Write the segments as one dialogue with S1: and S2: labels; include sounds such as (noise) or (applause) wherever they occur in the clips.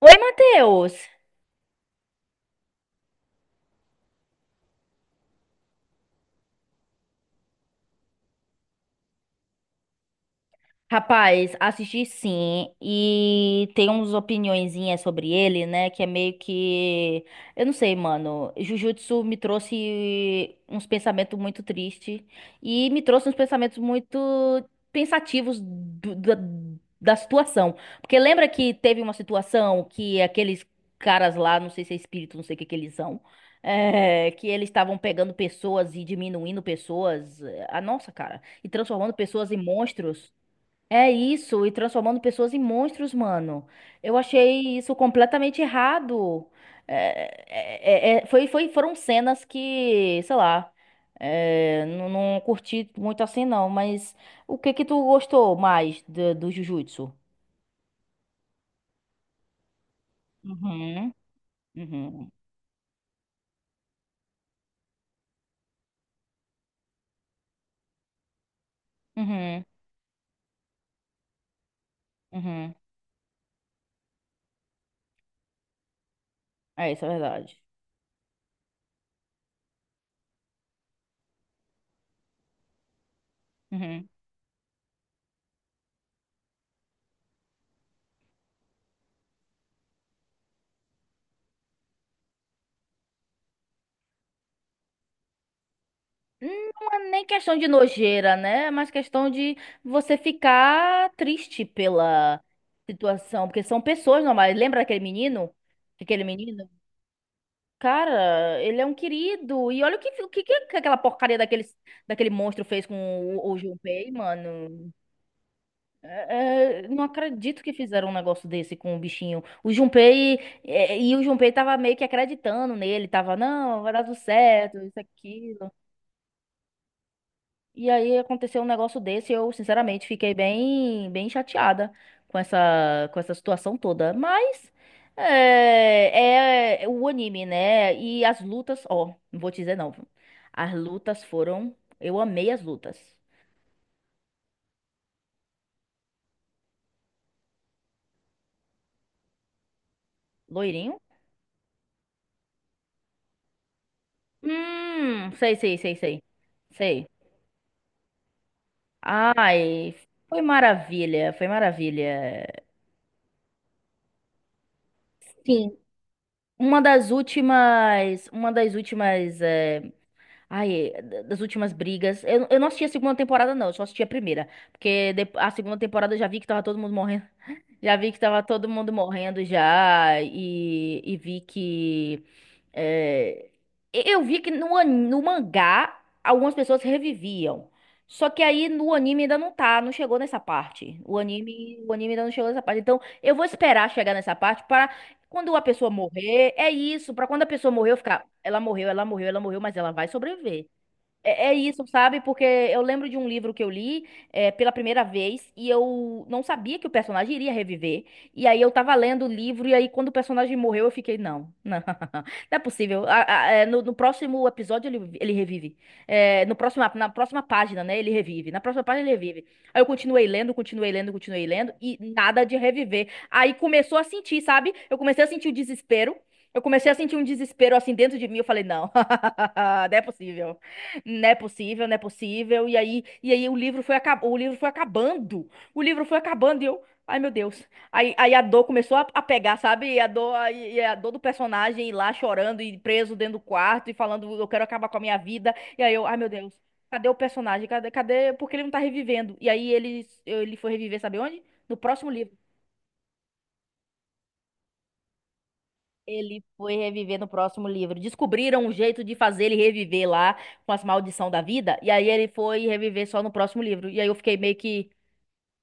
S1: Oi, Matheus! Rapaz, assisti sim, e tem umas opiniõezinhas sobre ele, né? Que é meio que. Eu não sei, mano. Jujutsu me trouxe uns pensamentos muito tristes. E me trouxe uns pensamentos muito pensativos da situação. Porque lembra que teve uma situação que aqueles caras lá, não sei se é espírito, não sei o que que eles são. É, que eles estavam pegando pessoas e diminuindo pessoas. Ah, nossa, cara. E transformando pessoas em monstros. É isso, e transformando pessoas em monstros, mano. Eu achei isso completamente errado. Foram cenas que, sei lá, não, não curti muito assim, não. Mas o que que tu gostou mais do Jujutsu? Uhum, uhum, uhum, uhum. É isso, é verdade. Uhum. Não é nem questão de nojeira, né? É mais questão de você ficar triste pela situação, porque são pessoas normais. Lembra daquele menino? Aquele menino? Cara, ele é um querido. E olha o que aquela porcaria daquele monstro fez com o Junpei, mano. Não acredito que fizeram um negócio desse com o bichinho. O Junpei, é, e o Junpei tava meio que acreditando nele, tava, não, vai dar tudo certo, isso aqui. E aí aconteceu um negócio desse, e eu sinceramente fiquei bem chateada com essa situação toda. Mas é, é o anime, né? E as lutas, ó, não vou te dizer não. Viu? As lutas foram, eu amei as lutas. Loirinho? Sei, sei, sei, sei. Sei. Ai, foi maravilha, foi maravilha. Sim. Uma das últimas é, ai, é, das últimas brigas. Eu não assisti a segunda temporada, não. Eu só assisti a primeira. Porque a segunda temporada eu já vi que tava todo mundo morrendo. (laughs) Já vi que tava todo mundo morrendo já. E vi que. é, eu vi que no mangá algumas pessoas reviviam. Só que aí no anime ainda não tá, não chegou nessa parte. O anime ainda não chegou nessa parte. Então eu vou esperar chegar nessa parte para quando a pessoa morrer, é isso. Pra quando a pessoa morrer, eu ficar, ela morreu, ela morreu, ela morreu, mas ela vai sobreviver. É, é isso, sabe? Porque eu lembro de um livro que eu li pela primeira vez e eu não sabia que o personagem iria reviver. E aí eu tava lendo o livro e aí quando o personagem morreu eu fiquei, não, não, (laughs) não é possível. No próximo episódio ele, ele revive. É, no próximo, na próxima página, né, ele revive. Na próxima página ele revive. Aí eu continuei lendo, continuei lendo, continuei lendo e nada de reviver. Aí começou a sentir, sabe? Eu comecei a sentir o desespero. Eu comecei a sentir um desespero assim dentro de mim. Eu falei, não, (laughs) não é possível, não é possível, não é possível. E aí o livro foi acabando, o livro foi acabando. O livro foi acabando e eu, ai meu Deus. Aí a dor começou a pegar, sabe? E a dor, e a dor do personagem ir lá chorando e preso dentro do quarto e falando, eu quero acabar com a minha vida. E aí eu, ai meu Deus. Cadê o personagem? Cadê, cadê? Porque ele não tá revivendo. E aí ele foi reviver, sabe onde? No próximo livro. Ele foi reviver no próximo livro. Descobriram um jeito de fazer ele reviver lá com as maldição da vida. E aí ele foi reviver só no próximo livro. E aí eu fiquei meio que.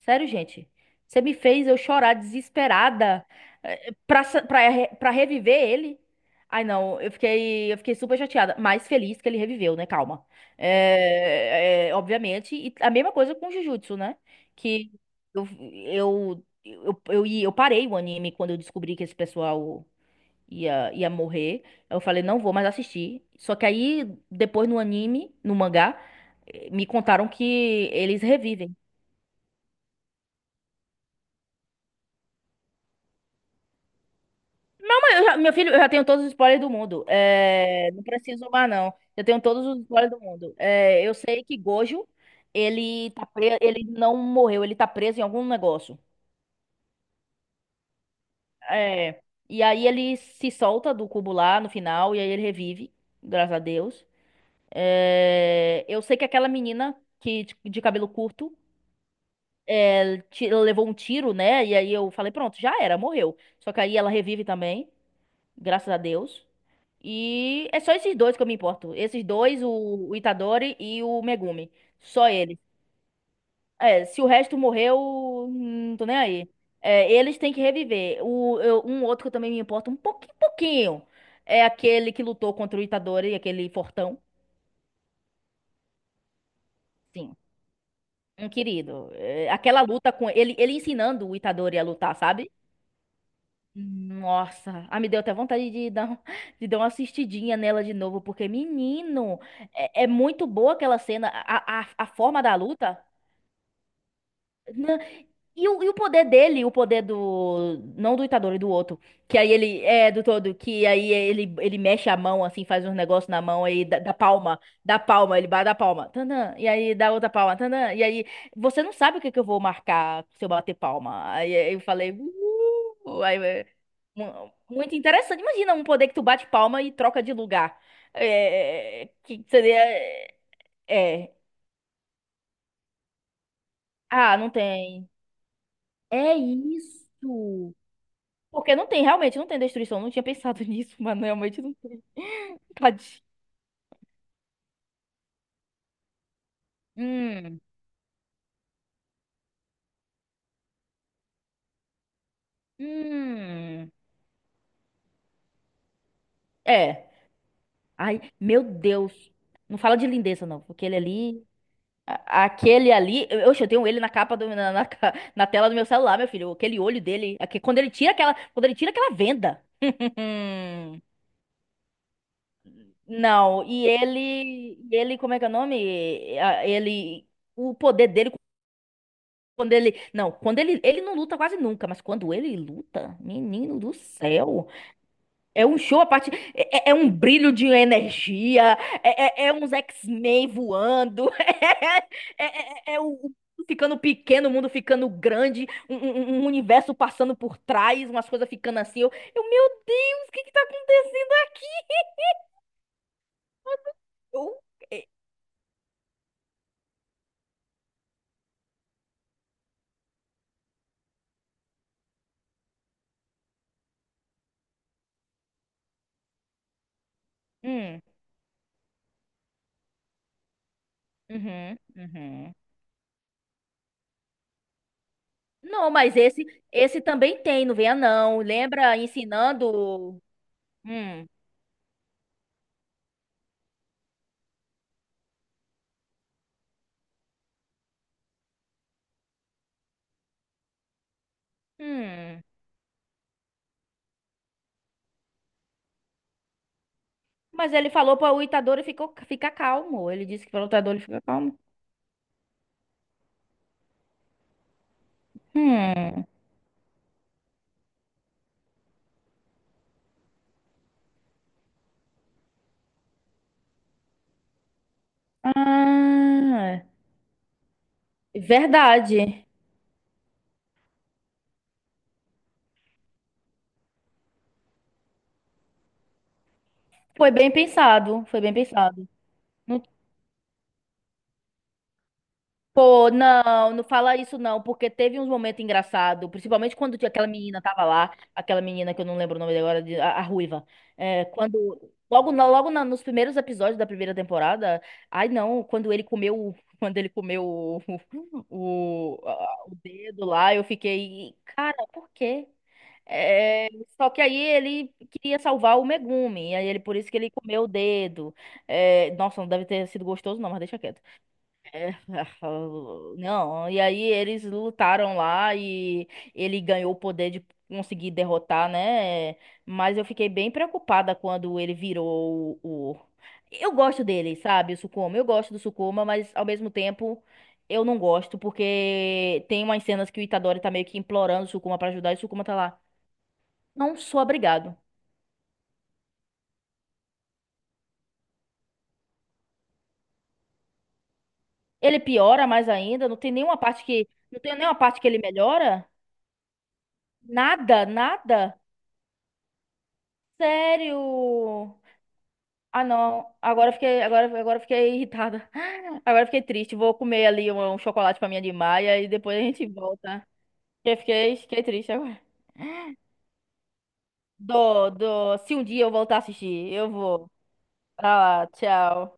S1: Sério, gente? Você me fez eu chorar desesperada eh, pra, sa- pra, re- pra reviver ele? Ai, não, eu fiquei super chateada, mas feliz que ele reviveu, né? Calma. É, obviamente. E a mesma coisa com o Jujutsu, né? Que eu, eu parei o anime quando eu descobri que esse pessoal ia morrer. Eu falei, não vou mais assistir. Só que aí, depois no anime, no mangá, me contaram que eles revivem. Mas eu meu filho, eu já tenho todos os spoilers do mundo. É, não preciso mais, não. Eu tenho todos os spoilers do mundo. É, eu sei que Gojo, ele ele não morreu, ele tá preso em algum negócio. É. E aí ele se solta do cubo lá no final, e aí ele revive, graças a Deus. É, eu sei que aquela menina que, de cabelo curto ela levou um tiro, né? E aí eu falei, pronto, já era, morreu. Só que aí ela revive também, graças a Deus. E é só esses dois que eu me importo. Esses dois, o Itadori e o Megumi. Só eles. É, se o resto morreu, não tô nem aí. É, eles têm que reviver. Um outro que eu também me importo um pouquinho, pouquinho. É aquele que lutou contra o Itadori, aquele fortão. Sim, um querido. É, aquela luta com ele, ele ensinando o Itadori a lutar, sabe? Nossa, ah, me deu até vontade de dar, (laughs) de dar uma assistidinha nela de novo, porque, menino, é muito boa aquela cena, a forma da luta. Né, e e o poder dele, o poder do. Não do Itadori, do outro. Que aí ele. É, do todo. Que aí ele mexe a mão, assim, faz uns negócios na mão, aí da dá palma. Da palma, ele bate a palma. Tandan, e aí dá outra palma. Tandan, e aí. Você não sabe que eu vou marcar se eu bater palma. Aí eu falei. Aí, é, muito interessante. Imagina um poder que tu bate palma e troca de lugar. É, que seria. É. É, ah, não tem. É isso. Porque não tem, realmente não tem destruição. Não tinha pensado (laughs) nisso, mas realmente não tem. (laughs) Tadinho. Hum, hum. É. Ai, meu Deus. Não fala de lindeza, não. Porque ele ali. Aquele ali. Oxe, eu tenho ele na capa do, na, na, ca- (laughs) na tela do meu celular, meu filho. Aquele olho dele. Quando ele tira aquela, quando ele tira aquela venda. Hum. Não, e ele. E ele, como é que é o nome? Ah, ele. O poder dele. Quando ele. Não, quando ele. Ele não luta quase nunca, mas quando ele luta, menino do céu. É um show a parte. É, é um brilho de energia. Uns X-Men voando. (laughs) O. o mundo ficando pequeno, o mundo ficando grande, um universo passando por trás, umas coisas ficando assim. Meu Deus, o que que tá acontecendo aqui? Eu- é, hum, uhum, uhum. Não, mas esse também tem, não venha não. Lembra ensinando. Hum, hum. Mas ele falou para o Itadori ficou, ficar calmo. Ele disse que para o Itadori ficar calmo. Hum. Ah, verdade. Foi bem pensado. Foi bem pensado. Não. Pô, não, não fala isso não, porque teve uns momentos engraçados, principalmente quando tinha aquela menina tava lá, aquela menina que eu não lembro o nome dela agora, a Ruiva. É, quando nos primeiros episódios da primeira temporada, ai não, quando ele comeu, (laughs) quando ele comeu o dedo lá, eu fiquei, cara, por quê? É, só que aí ele queria salvar o Megumi, e aí ele por isso que ele comeu o dedo. É, nossa, não deve ter sido gostoso não, mas deixa quieto. (laughs) Não, e aí eles lutaram lá e ele ganhou o poder de conseguir derrotar, né? Mas eu fiquei bem preocupada quando ele virou eu gosto dele, sabe, o Sukuma. Eu gosto do Sukuma, mas ao mesmo tempo eu não gosto, porque tem umas cenas que o Itadori tá meio que implorando o Sukuma pra ajudar e o Sukuma tá lá. Não sou obrigado. Ele piora mais ainda, não tem nenhuma parte que. Não tem nenhuma parte que ele melhora? Nada, nada. Sério. Ah, não. Agora eu fiquei, agora, agora eu fiquei irritada. (gasps) (laughs) Agora eu fiquei triste. Vou comer ali um chocolate pra minha de maia e depois a gente volta. Eu fiquei, fiquei triste agora. Se um dia eu voltar a assistir, eu vou. Pra lá, tchau.